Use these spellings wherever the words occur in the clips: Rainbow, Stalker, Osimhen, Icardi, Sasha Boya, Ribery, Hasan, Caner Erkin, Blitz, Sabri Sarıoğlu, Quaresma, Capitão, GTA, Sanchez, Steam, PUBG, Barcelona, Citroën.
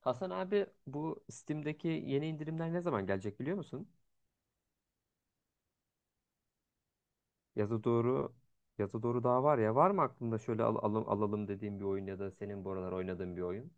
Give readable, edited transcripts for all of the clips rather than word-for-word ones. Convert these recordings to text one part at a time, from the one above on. Hasan abi, bu Steam'deki yeni indirimler ne zaman gelecek biliyor musun? Yaza doğru yaza doğru daha var ya. Var mı aklında şöyle alalım dediğin bir oyun ya da senin bu aralar oynadığın bir oyun?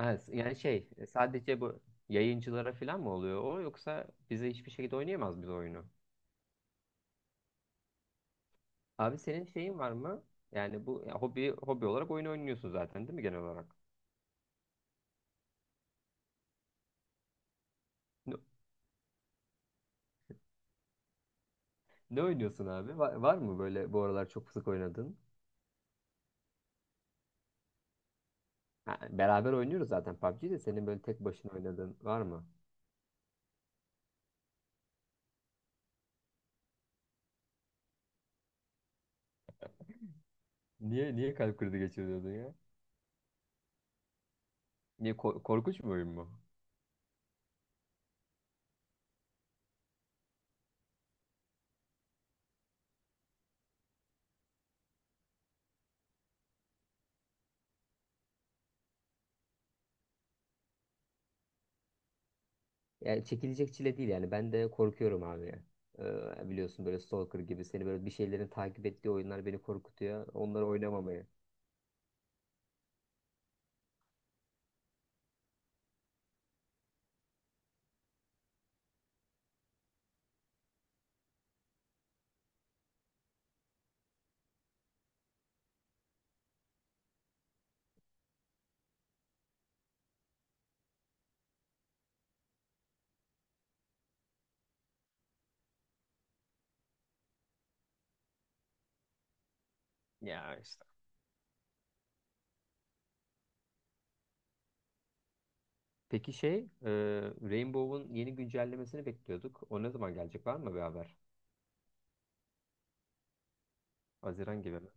Evet, yani sadece bu yayıncılara falan mı oluyor o, yoksa bize hiçbir şekilde oynayamaz biz o oyunu? Abi, senin şeyin var mı? Yani bu ya, hobi olarak oyun oynuyorsun zaten değil mi genel olarak? Ne, ne oynuyorsun abi? Var mı böyle bu aralar çok sık oynadığın? Ha, beraber oynuyoruz zaten PUBG'yi de, senin böyle tek başına oynadığın var mı? Niye kalp krizi geçiriyordun ya? Niye korkunç bir oyun mu? Yani çekilecek çile değil yani. Ben de korkuyorum abi ya. Biliyorsun, böyle Stalker gibi seni böyle bir şeylerin takip ettiği oyunlar beni korkutuyor. Onları oynamamayı. Ya işte. Peki e, Rainbow'un yeni güncellemesini bekliyorduk. O ne zaman gelecek? Var mı bir haber? Haziran gibi mi?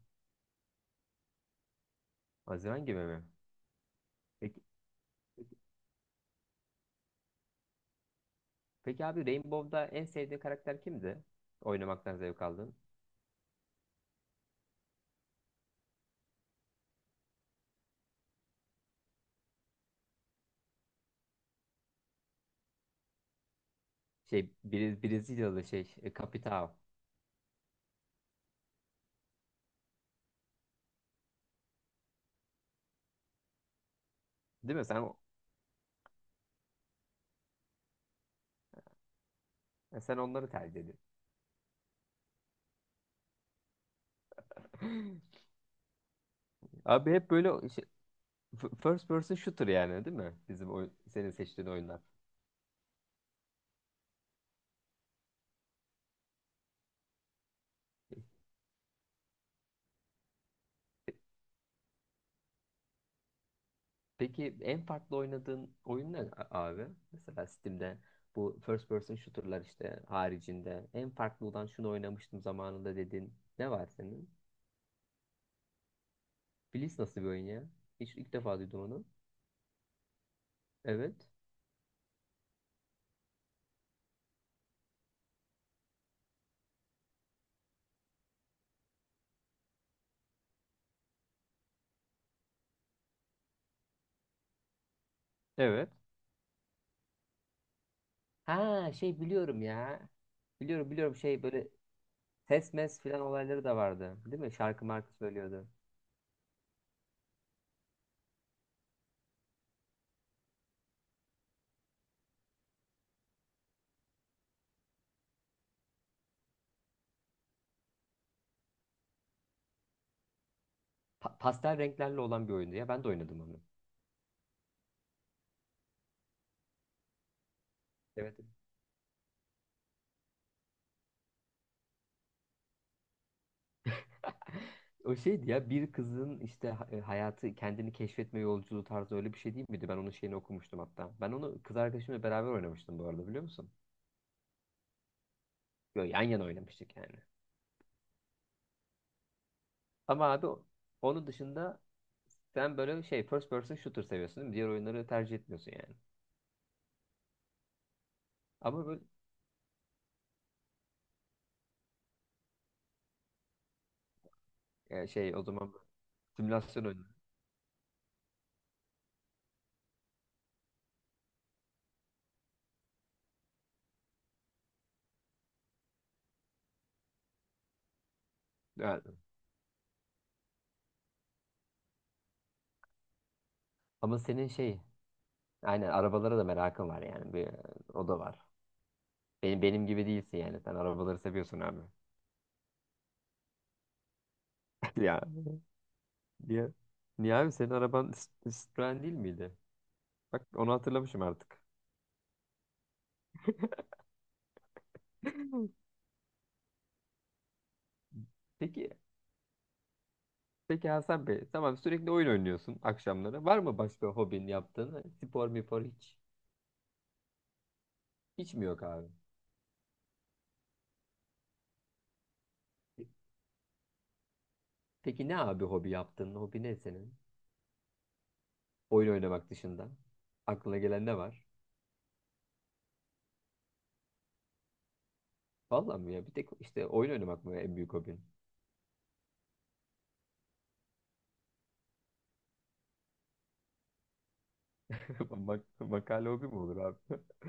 Haziran gibi mi? Peki, peki, peki abi, Rainbow'da en sevdiğin karakter kimdi? Oynamaktan zevk aldın. Brezilyalı Capitão. Değil mi? Sen, ya sen onları tercih ediyorsun. Abi, hep böyle first person shooter yani, değil mi? Bizim oyun, senin seçtiğin oyunlar. Pe- Peki en farklı oynadığın oyun ne abi? Mesela Steam'de bu first person shooter'lar işte haricinde en farklı olan, şunu oynamıştım zamanında dediğin ne var senin? Blitz nasıl bir oyun ya? Hiç, ilk defa duydum onu. Evet. Evet. Ha, şey biliyorum ya. Biliyorum, biliyorum, şey böyle ses mes filan olayları da vardı, değil mi? Şarkı markı söylüyordu. Pastel renklerle olan bir oyundu ya. Ben de oynadım onu. Evet. O şeydi ya, bir kızın işte hayatı kendini keşfetme yolculuğu tarzı, öyle bir şey değil miydi? Ben onun şeyini okumuştum hatta. Ben onu kız arkadaşımla beraber oynamıştım bu arada, biliyor musun? Böyle yan yana oynamıştık yani. Ama abi onun dışında sen böyle şey first person shooter seviyorsun, değil mi? Diğer oyunları tercih etmiyorsun yani. Ama böyle şey o zaman simülasyon oyunu. Evet. Ama senin şey, aynen arabalara da merakın var yani. Bir, o da var. Benim, benim gibi değilsin yani. Sen arabaları seviyorsun abi. Ya niye? Niye abi, senin araban Citroen değil miydi? Bak, onu hatırlamışım artık. Peki, peki Hasan Bey, tamam, sürekli oyun oynuyorsun akşamları. Var mı başka hobin yaptığın? Spor mipor hiç? Hiç mi yok abi? Peki ne abi hobi yaptığın? Hobi ne senin? Oyun oynamak dışında. Aklına gelen ne var? Vallahi mi ya? Bir tek işte oyun oynamak mı en büyük hobin? Mak, makale hobi mi olur abi?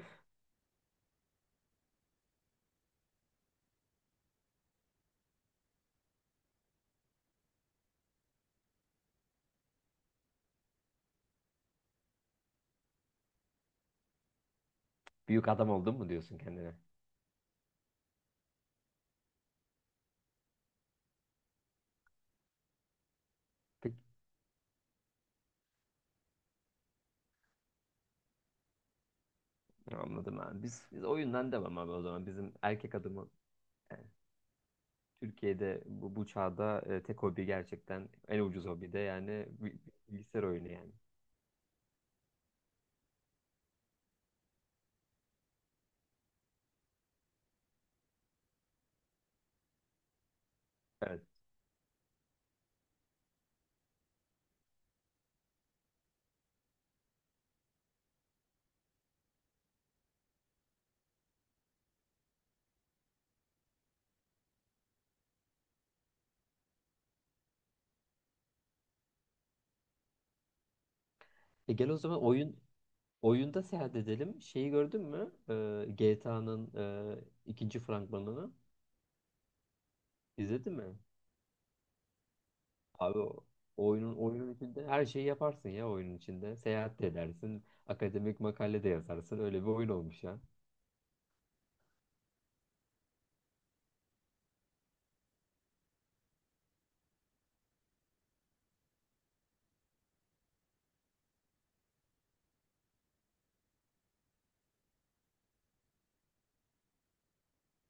Büyük adam oldun mu diyorsun kendine? Peki, anladım abi. Biz oyundan devam abi, o zaman. Bizim erkek adımı yani Türkiye'de bu çağda tek hobi, gerçekten en ucuz hobi de yani bilgisayar oyunu yani. Evet. E, gel o zaman oyunda seyahat edelim. Şeyi gördün mü? GTA'nın ikinci fragmanını izledin mi? Abi o oyunun içinde her şeyi yaparsın ya, oyunun içinde. Seyahat de edersin, akademik makale de yazarsın. Öyle bir oyun olmuş ya.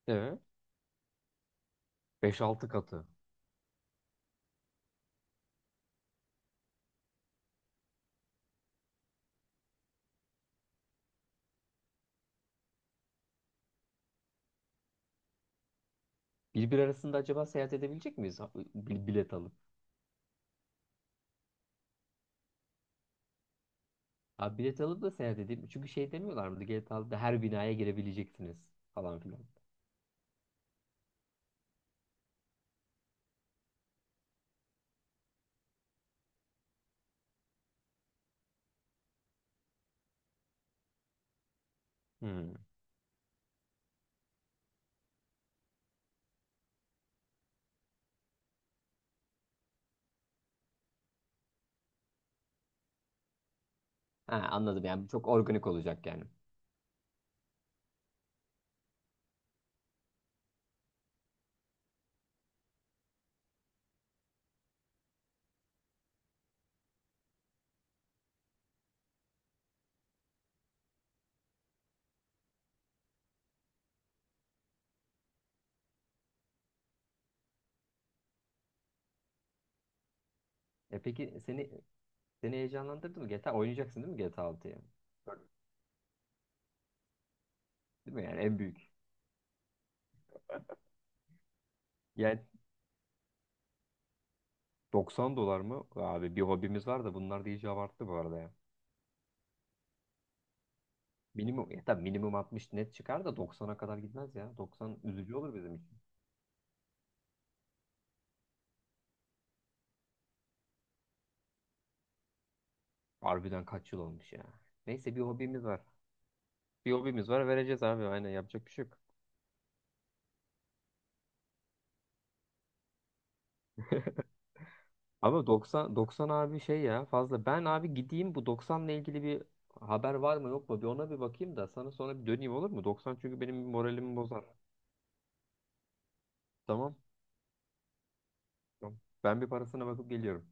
Evet. 5-6 katı. Birbir arasında acaba seyahat edebilecek miyiz? Bilet alıp. Abi, bilet alıp da seyahat edeyim. Çünkü şey demiyorlar mı, GTA'da her binaya girebileceksiniz falan filan? Hmm. Ha, anladım, yani çok organik olacak yani. E peki seni heyecanlandırdı mı? GTA oynayacaksın değil mi GTA 6'yı? Değil mi yani, en büyük? Yani 90 dolar mı? Abi, bir hobimiz var da bunlar da iyice abarttı bu arada ya. Minimum, ya tabii minimum 60 net çıkar da 90'a kadar gitmez ya. 90 üzücü olur bizim için. Harbiden kaç yıl olmuş ya. Neyse, bir hobimiz var. Bir hobimiz var, vereceğiz abi, aynen, yapacak bir şey yok. Ama 90 90 abi şey ya, fazla. Ben abi gideyim, bu 90'la ilgili bir haber var mı yok mu, bir ona bir bakayım da sana sonra bir döneyim, olur mu? 90 çünkü benim moralimi bozar. Tamam. Tamam. Ben bir parasına bakıp geliyorum.